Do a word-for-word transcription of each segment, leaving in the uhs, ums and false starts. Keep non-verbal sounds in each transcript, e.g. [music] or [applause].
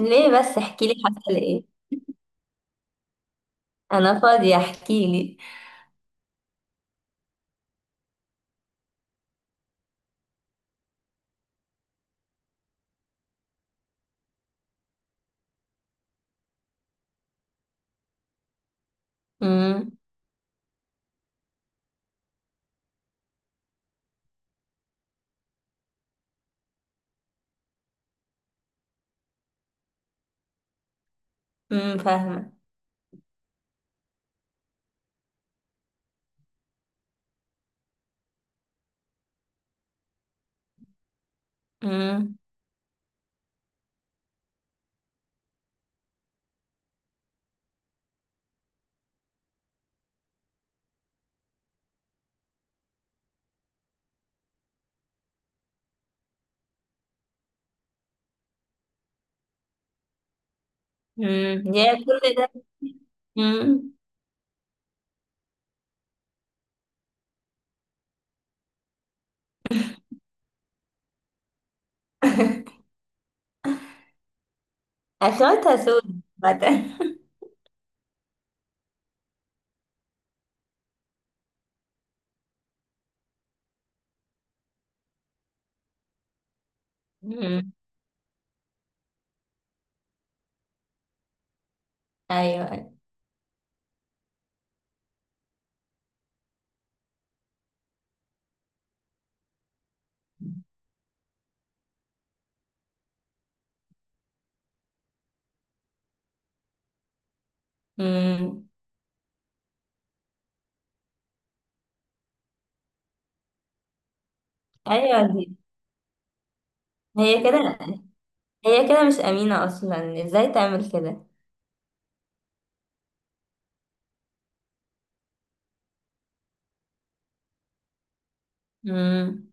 ليه بس؟ احكي لي، حصل ايه؟ انا فاضية، احكي لي. امم، امم، فاهمة. امم. امم يا كل ده. امم. [laughs] اخواتها سود بدل. امم. [laughs] ايوه. امم. ايوه دي. هي كده. هي كده مش امينة اصلا، ازاي تعمل كده؟ امم.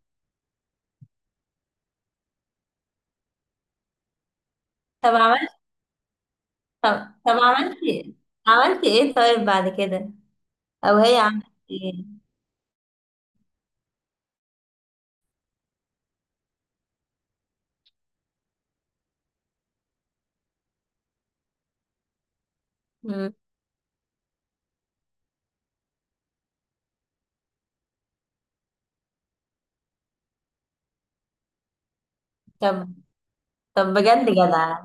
طب عملت طب, طب عملتي عملتي ايه طيب بعد كده؟ او هي عملت ايه؟ امم. طب. طب بجد جدع.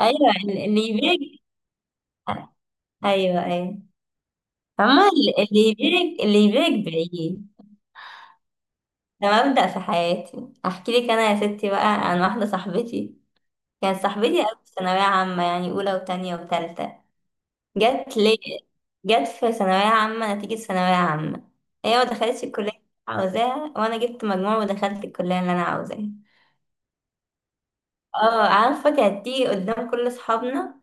ايوه اللي يبيع. ايوه، ايوه. فما. اللي يبيعك اللي يبيعك بعيد. ده مبدأ في حياتي. احكي لك انا يا ستي بقى عن واحده صاحبتي. كانت صاحبتي قوي في ثانويه عامه، يعني اولى وتانية وتالتة. جت لي، جت في ثانويه عامه، نتيجه ثانويه عامه. هي ما دخلتش الكليه اللي أنا عاوزاها، وانا جبت مجموع ودخلت الكليه اللي انا عاوزاها. اه عارفه، كانت تيجي قدام كل اصحابنا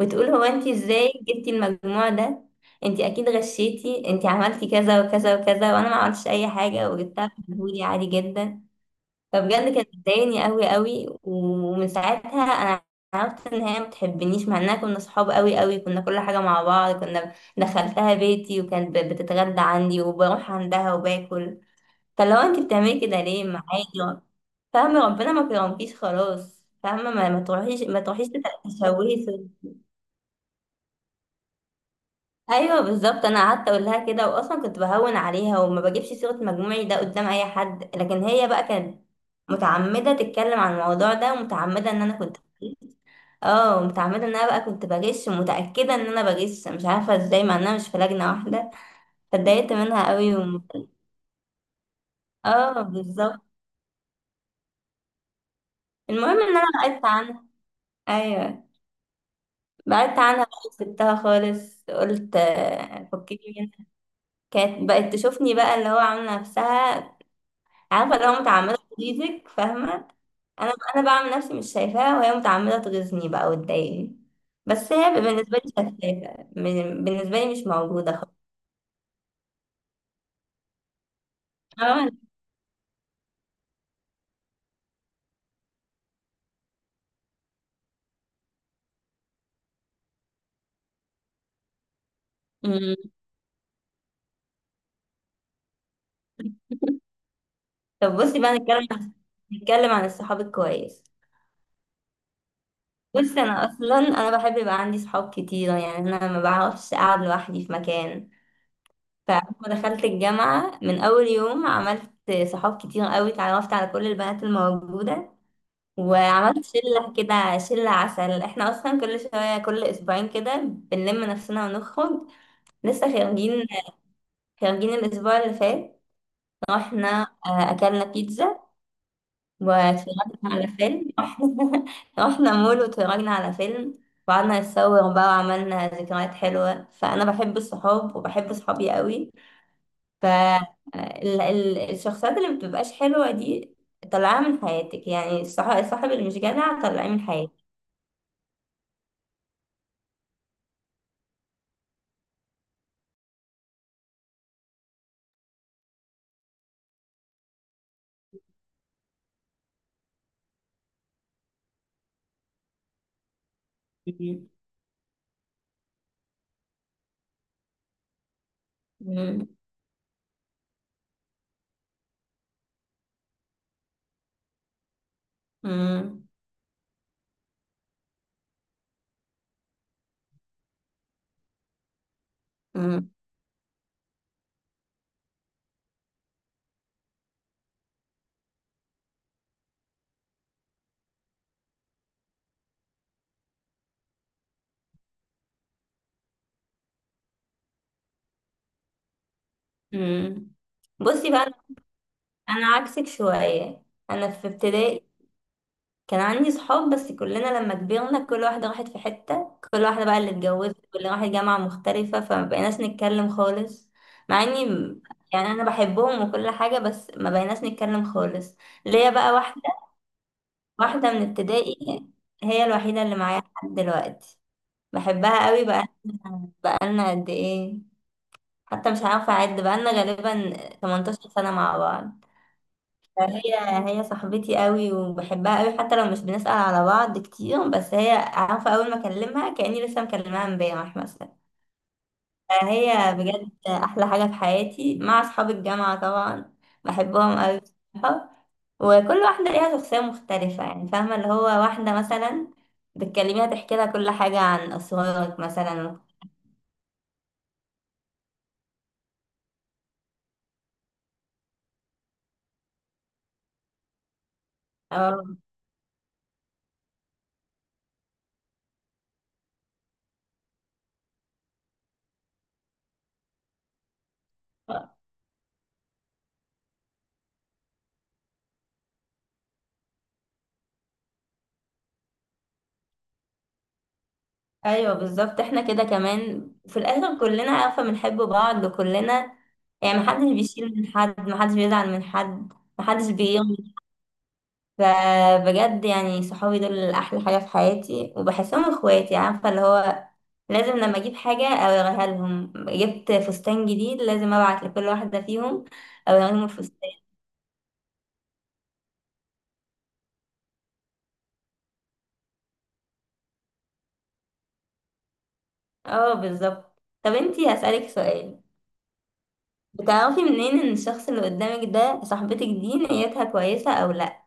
وتقول هو انت ازاي جبتي المجموع ده؟ انت اكيد غشيتي، انت عملتي كذا وكذا وكذا، وانا ما عملتش اي حاجه وجبتها في مجهودي عادي جدا. فبجد كانت بتضايقني قوي قوي، ومن ساعتها انا عرفت ان هي ما بتحبنيش، مع اننا كنا صحاب قوي قوي، كنا كل حاجه مع بعض، كنا دخلتها بيتي وكانت ب- بتتغدى عندي، وبروح عندها وباكل. فلو انت بتعملي كده ليه معايا؟ فاهمه، ربنا ما كرمكيش، خلاص فاهمه، ما ما تروحيش، ما تروحيش. تشوهي. ايوه بالظبط، انا قعدت اقول لها كده، واصلا كنت بهون عليها وما بجيبش سيره مجموعي ده قدام اي حد، لكن هي بقى كانت متعمده تتكلم عن الموضوع ده، ومتعمده ان انا كنت بغش. اه متعمده ان انا بقى كنت بغش، ومتاكده ان انا بغش، مش عارفه ازاي مع اننا مش في لجنه واحده. فاتضايقت منها قوي. و... اه بالظبط. المهم ان انا بعدت عنها. ايوه، بعدت عنها بقى، سبتها خالص، قلت آه، فكني منها. كانت بقت تشوفني بقى، اللي هو عامله نفسها، عارفه لو متعمده تغيظك، فاهمه، انا انا بعمل نفسي مش شايفاها، وهي متعمده تغيظني بقى وتضايقني. بس هي بالنسبه لي شفافه، من- بالنسبه لي مش موجوده خالص. فاهمة؟ أمم. [laughs] طب بصي بقى، نتكلم عن- نتكلم عن الصحاب الكويس. بصي، انا اصلا انا بحب يبقى عندي صحاب كتيره، يعني انا ما بعرفش اقعد لوحدي في مكان. فلما دخلت الجامعه من اول يوم عملت صحاب كتير قوي، اتعرفت على كل البنات الموجوده، وعملت شلة كده، شلة عسل، احنا اصلا كل شوية، كل اسبوعين كده بنلم نفسنا ونخرج. لسه خارجين، خارجين الاسبوع اللي فات. رحنا، آه، اكلنا بيتزا واتفرجنا على فيلم. [laughs] رحنا، رحنا مول واتفرجنا على فيلم، وقعدنا نتصور بقى وعملنا ذكريات حلوة. فأنا بحب الصحاب وبحب صحابي قوي. فالشخصيات اللي مبتبقاش حلوة دي طلعها من حياتك، يعني الصح- الصاحب اللي مش جدع طلعيه من حياتك. مم. مم. مم. مم. بصي بقى، انا عكسك شويه، انا في ابتدائي كان عندي صحاب، بس كلنا لما كبرنا كل واحده راحت في حته، كل واحده بقى اللي اتجوزت واللي راحت جامعه مختلفه، فما بقيناش نتكلم خالص. مع اني يعني انا بحبهم وكل حاجه، بس ما بقيناش نتكلم خالص. ليا بقى واحده، واحده من ابتدائي، هي الوحيده اللي معايا لحد دلوقتي. بحبها قوي بقى. بقالنا قد ايه، حتى مش عارفة أعد، بقالنا غالبا تمنتاشر سنة مع بعض. فهي، هي صاحبتي قوي وبحبها قوي، حتى لو مش بنسأل على بعض كتير، بس هي عارفة، أول ما أكلمها كأني لسه مكلماها امبارح مثلا. فهي بجد أحلى حاجة في حياتي، مع أصحاب الجامعة طبعا. بحبهم قوي بصراحة. وكل واحدة ليها شخصية مختلفة، يعني فاهمة، اللي هو واحدة مثلا بتكلميها تحكي لها كل حاجة عن أسرارك مثلا. اه. ايوه بالظبط، احنا كده كمان في الاخر كلنا عارفه بنحب بعض وكلنا، يعني محدش بيشيل من حد، محدش بيزعل من حد، محدش بيغني. فبجد يعني صحابي دول احلى حاجه في حياتي، وبحسهم اخواتي، عارفه اللي هو لازم لما اجيب حاجه اوريها لهم، جبت فستان جديد لازم ابعت لكل واحده فيهم اوريهم الفستان. اه بالظبط. طب انتي هسألك سؤال، بتعرفي منين ان الشخص اللي قدامك ده، صاحبتك دي نيتها كويسه او لا؟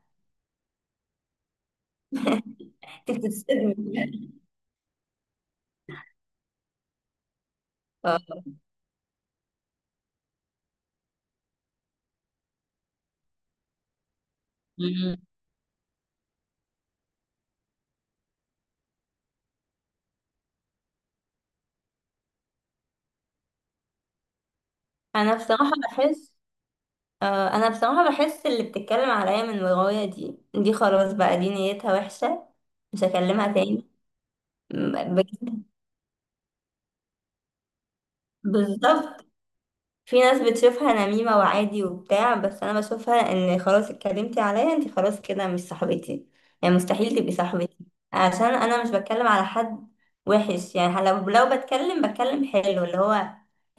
انت بتتصدمي؟ آه. مم. انا بصراحه بحس، آه، انا بصراحه بحس اللي بتتكلم عليا من ورايا دي دي خلاص بقى، دي نيتها وحشه، مش هكلمها تاني. م- بجد بالظبط. في ناس بتشوفها نميمة وعادي وبتاع، بس انا بشوفها ان خلاص اتكلمتي عليا انت، خلاص كده مش صاحبتي، يعني مستحيل تبقي صاحبتي، عشان انا مش بتكلم على حد وحش. يعني لو لو بتكلم، بتكلم حلو، اللي هو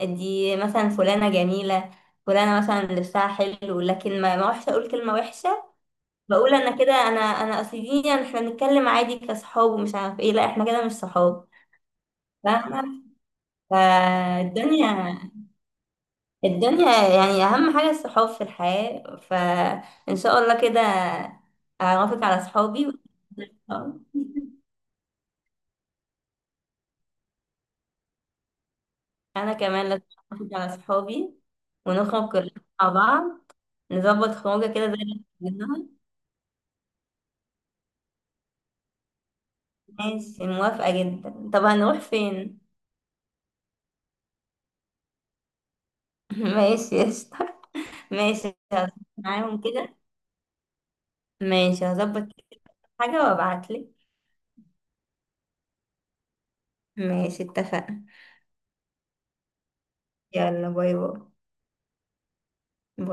دي مثلا فلانة جميلة، فلانة مثلا لبسها حلو، لكن ما ما وحشة اقول كلمة وحشة. بقول انا كده، انا انا اصل دي يعني احنا بنتكلم عادي كصحاب ومش عارف ايه، لا احنا كده مش صحاب. فاهمة؟ فالدنيا، الدنيا يعني أهم حاجة الصحاب في الحياة، فإن شاء الله كده أعرفك على صحابي. أنا كمان لازم أعرفك على صحابي، ونخرج كلنا مع بعض، نظبط خروجة كده زي اللي اتكلمناها. ماشي، موافقة جدا. طب هنروح فين؟ [laughs] ماشي قشطة. ماشي هظبط معاهم كده، ماشي هظبط كده حاجة وأبعتلك. ماشي اتفقنا. يلا، باي باي.